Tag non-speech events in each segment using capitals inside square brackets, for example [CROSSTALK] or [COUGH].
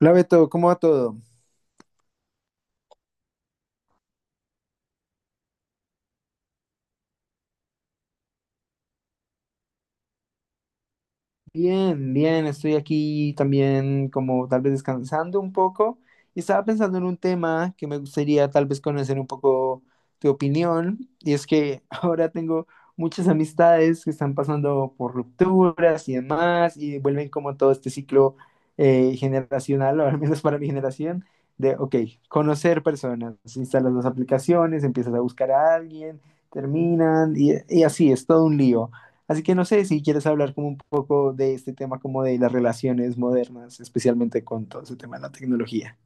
Hola Beto, ¿cómo va todo? Bien, bien, estoy aquí también como tal vez descansando un poco y estaba pensando en un tema que me gustaría tal vez conocer un poco tu opinión y es que [LAUGHS] ahora tengo muchas amistades que están pasando por rupturas y demás y vuelven como todo este ciclo generacional, o al menos para mi generación, ok, conocer personas, instalas las aplicaciones, empiezas a buscar a alguien, terminan y así, es todo un lío. Así que no sé si quieres hablar como un poco de este tema, como de las relaciones modernas, especialmente con todo ese tema de la tecnología.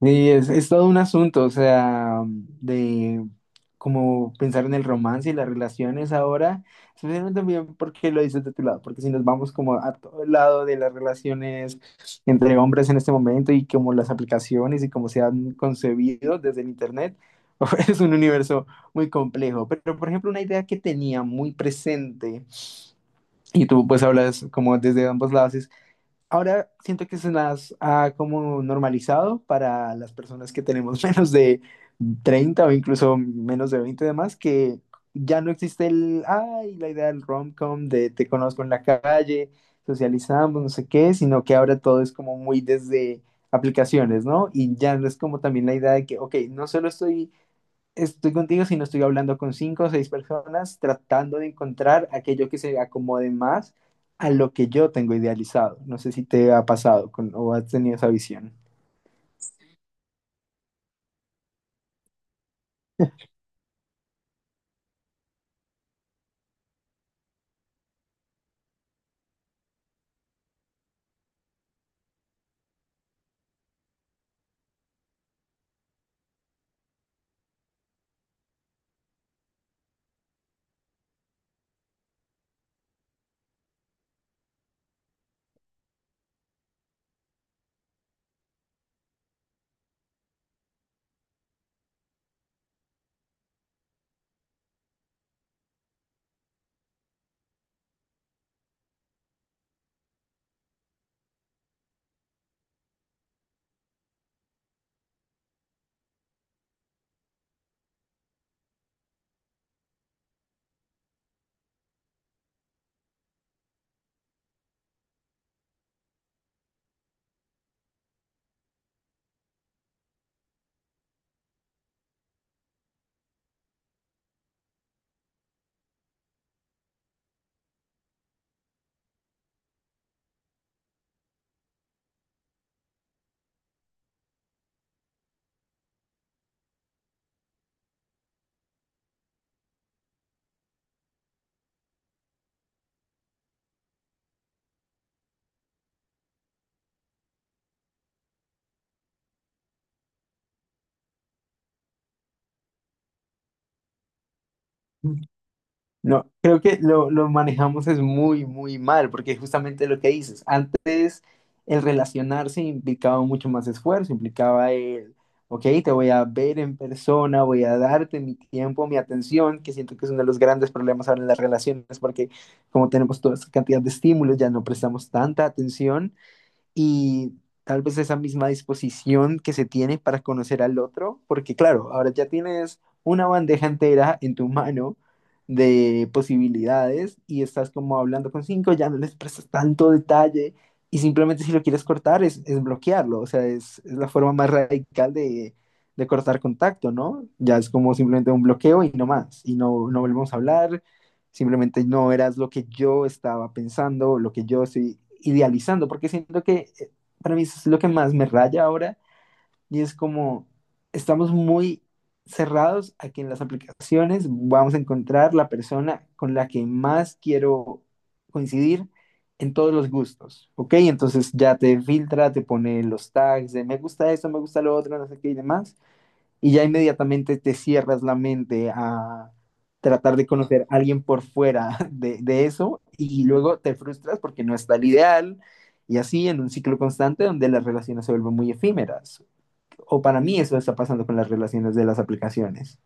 Y es todo un asunto, o sea, de como pensar en el romance y las relaciones ahora, especialmente también porque lo dices de tu lado, porque si nos vamos como a todo el lado de las relaciones entre hombres en este momento y como las aplicaciones y cómo se han concebido desde el internet, [LAUGHS] es un universo muy complejo. Pero, por ejemplo, una idea que tenía muy presente. Y tú pues hablas como desde ambos lados. Ahora siento que se las ha como normalizado para las personas que tenemos [LAUGHS] menos de 30 o incluso menos de 20 y demás, que ya no existe el, ay, la idea del rom-com de te conozco en la calle, socializamos, no sé qué, sino que ahora todo es como muy desde aplicaciones, ¿no? Y ya no es como también la idea de que, ok, no solo estoy contigo, si no estoy hablando con cinco o seis personas tratando de encontrar aquello que se acomode más a lo que yo tengo idealizado. No sé si te ha pasado o has tenido esa visión. No, creo que lo manejamos es muy, muy mal, porque justamente lo que dices, antes el relacionarse implicaba mucho más esfuerzo, implicaba el, ok, te voy a ver en persona, voy a darte mi tiempo, mi atención, que siento que es uno de los grandes problemas ahora en las relaciones, porque como tenemos toda esta cantidad de estímulos, ya no prestamos tanta atención y tal vez esa misma disposición que se tiene para conocer al otro, porque claro, ahora ya tienes una bandeja entera en tu mano de posibilidades y estás como hablando con cinco, ya no les prestas tanto detalle y simplemente si lo quieres cortar es bloquearlo, o sea, es la forma más radical de cortar contacto, ¿no? Ya es como simplemente un bloqueo y no más, y no, no volvemos a hablar, simplemente no eras lo que yo estaba pensando, lo que yo estoy idealizando, porque siento que para mí eso es lo que más me raya ahora y es como estamos muy cerrados a que en las aplicaciones vamos a encontrar la persona con la que más quiero coincidir en todos los gustos, ¿ok? Entonces ya te filtra, te pone los tags de me gusta esto, me gusta lo otro, no sé qué y demás y ya inmediatamente te cierras la mente a tratar de conocer a alguien por fuera [LAUGHS] de eso y luego te frustras porque no está el ideal y así en un ciclo constante donde las relaciones se vuelven muy efímeras. O para mí eso está pasando con las relaciones de las aplicaciones.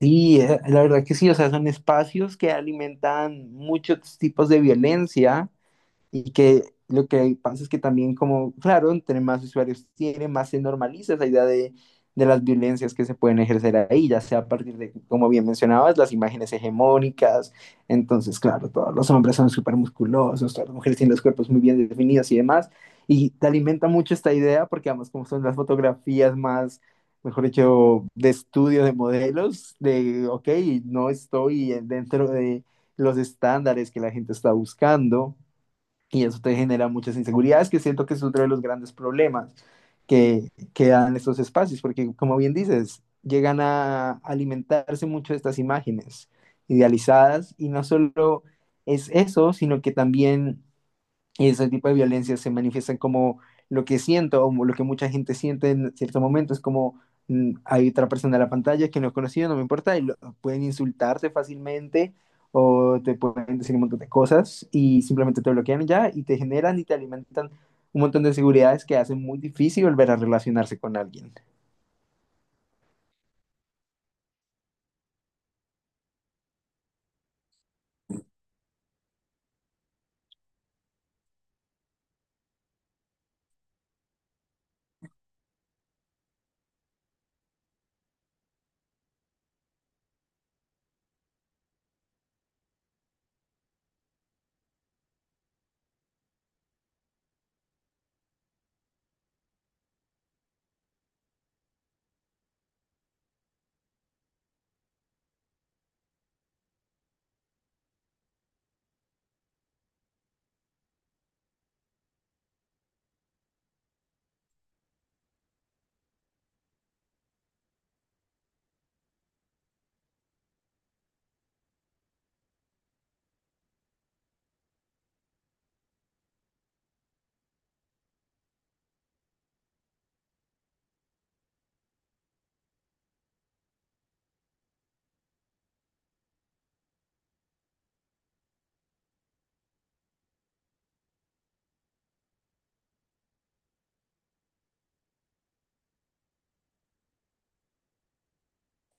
Sí, la verdad que sí, o sea, son espacios que alimentan muchos tipos de violencia. Y que lo que pasa es que también como, claro, entre más usuarios tiene, más se normaliza esa idea de las violencias que se pueden ejercer ahí, ya sea a partir de, como bien mencionabas, las imágenes hegemónicas. Entonces, claro, todos los hombres son súper musculosos, todas las mujeres tienen los cuerpos muy bien definidos y demás. Y te alimenta mucho esta idea porque además como son las fotografías más, mejor dicho, de estudio de modelos, ok, no estoy dentro de los estándares que la gente está buscando y eso te genera muchas inseguridades, que siento que es otro de los grandes problemas que dan estos espacios, porque como bien dices, llegan a alimentarse mucho de estas imágenes idealizadas y no solo es eso, sino que también y ese tipo de violencia se manifiestan como lo que siento o lo que mucha gente siente en ciertos momentos, como hay otra persona en la pantalla que no es conocido, no me importa, y pueden insultarte fácilmente o te pueden decir un montón de cosas y simplemente te bloquean y ya y te generan y te alimentan un montón de inseguridades que hacen muy difícil volver a relacionarse con alguien.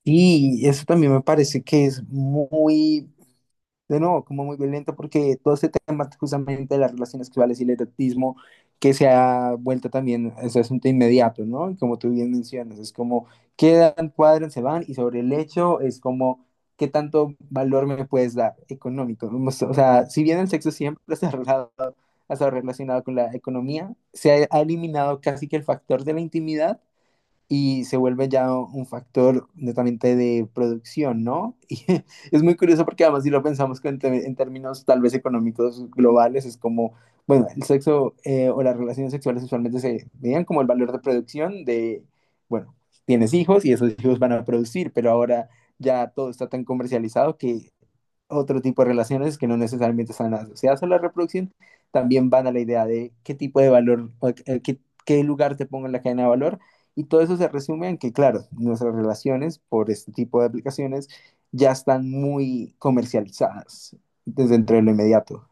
Y eso también me parece que es muy de nuevo, como muy violento, porque todo este tema justamente de las relaciones sexuales y el erotismo que se ha vuelto también ese asunto inmediato, ¿no? Y como tú bien mencionas, es como quedan, cuadran, se van, y sobre el hecho es como qué tanto valor me puedes dar económico. O sea, si bien el sexo siempre se ha relacionado, ha estado relacionado con la economía, se ha eliminado casi que el factor de la intimidad y se vuelve ya un factor netamente de producción, ¿no? Y [LAUGHS] es muy curioso porque además si lo pensamos en términos tal vez económicos globales, es como, bueno, el sexo o las relaciones sexuales usualmente se veían como el valor de producción de, bueno, tienes hijos y esos hijos van a producir, pero ahora ya todo está tan comercializado que otro tipo de relaciones que no necesariamente están asociadas a la reproducción, también van a la idea de qué tipo de valor, o, qué, lugar te pongo en la cadena de valor. Y todo eso se resume en que, claro, nuestras relaciones por este tipo de aplicaciones ya están muy comercializadas desde entre lo inmediato.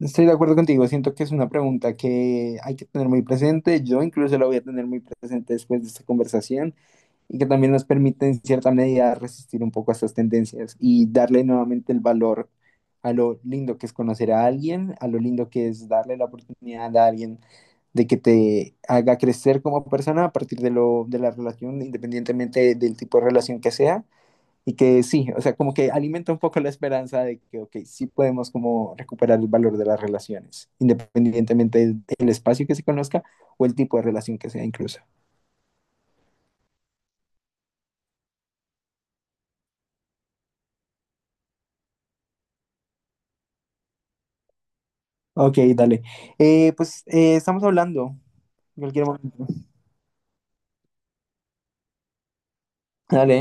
Estoy de acuerdo contigo, siento que es una pregunta que hay que tener muy presente. Yo incluso la voy a tener muy presente después de esta conversación y que también nos permite en cierta medida resistir un poco a estas tendencias y darle nuevamente el valor a lo lindo que es conocer a alguien, a lo lindo que es darle la oportunidad a alguien de que te haga crecer como persona a partir de, de la relación, independientemente del tipo de relación que sea. Y que sí, o sea, como que alimenta un poco la esperanza de que, ok, sí podemos como recuperar el valor de las relaciones, independientemente del espacio que se conozca o el tipo de relación que sea incluso. Ok, dale. Pues estamos hablando en cualquier momento. Dale.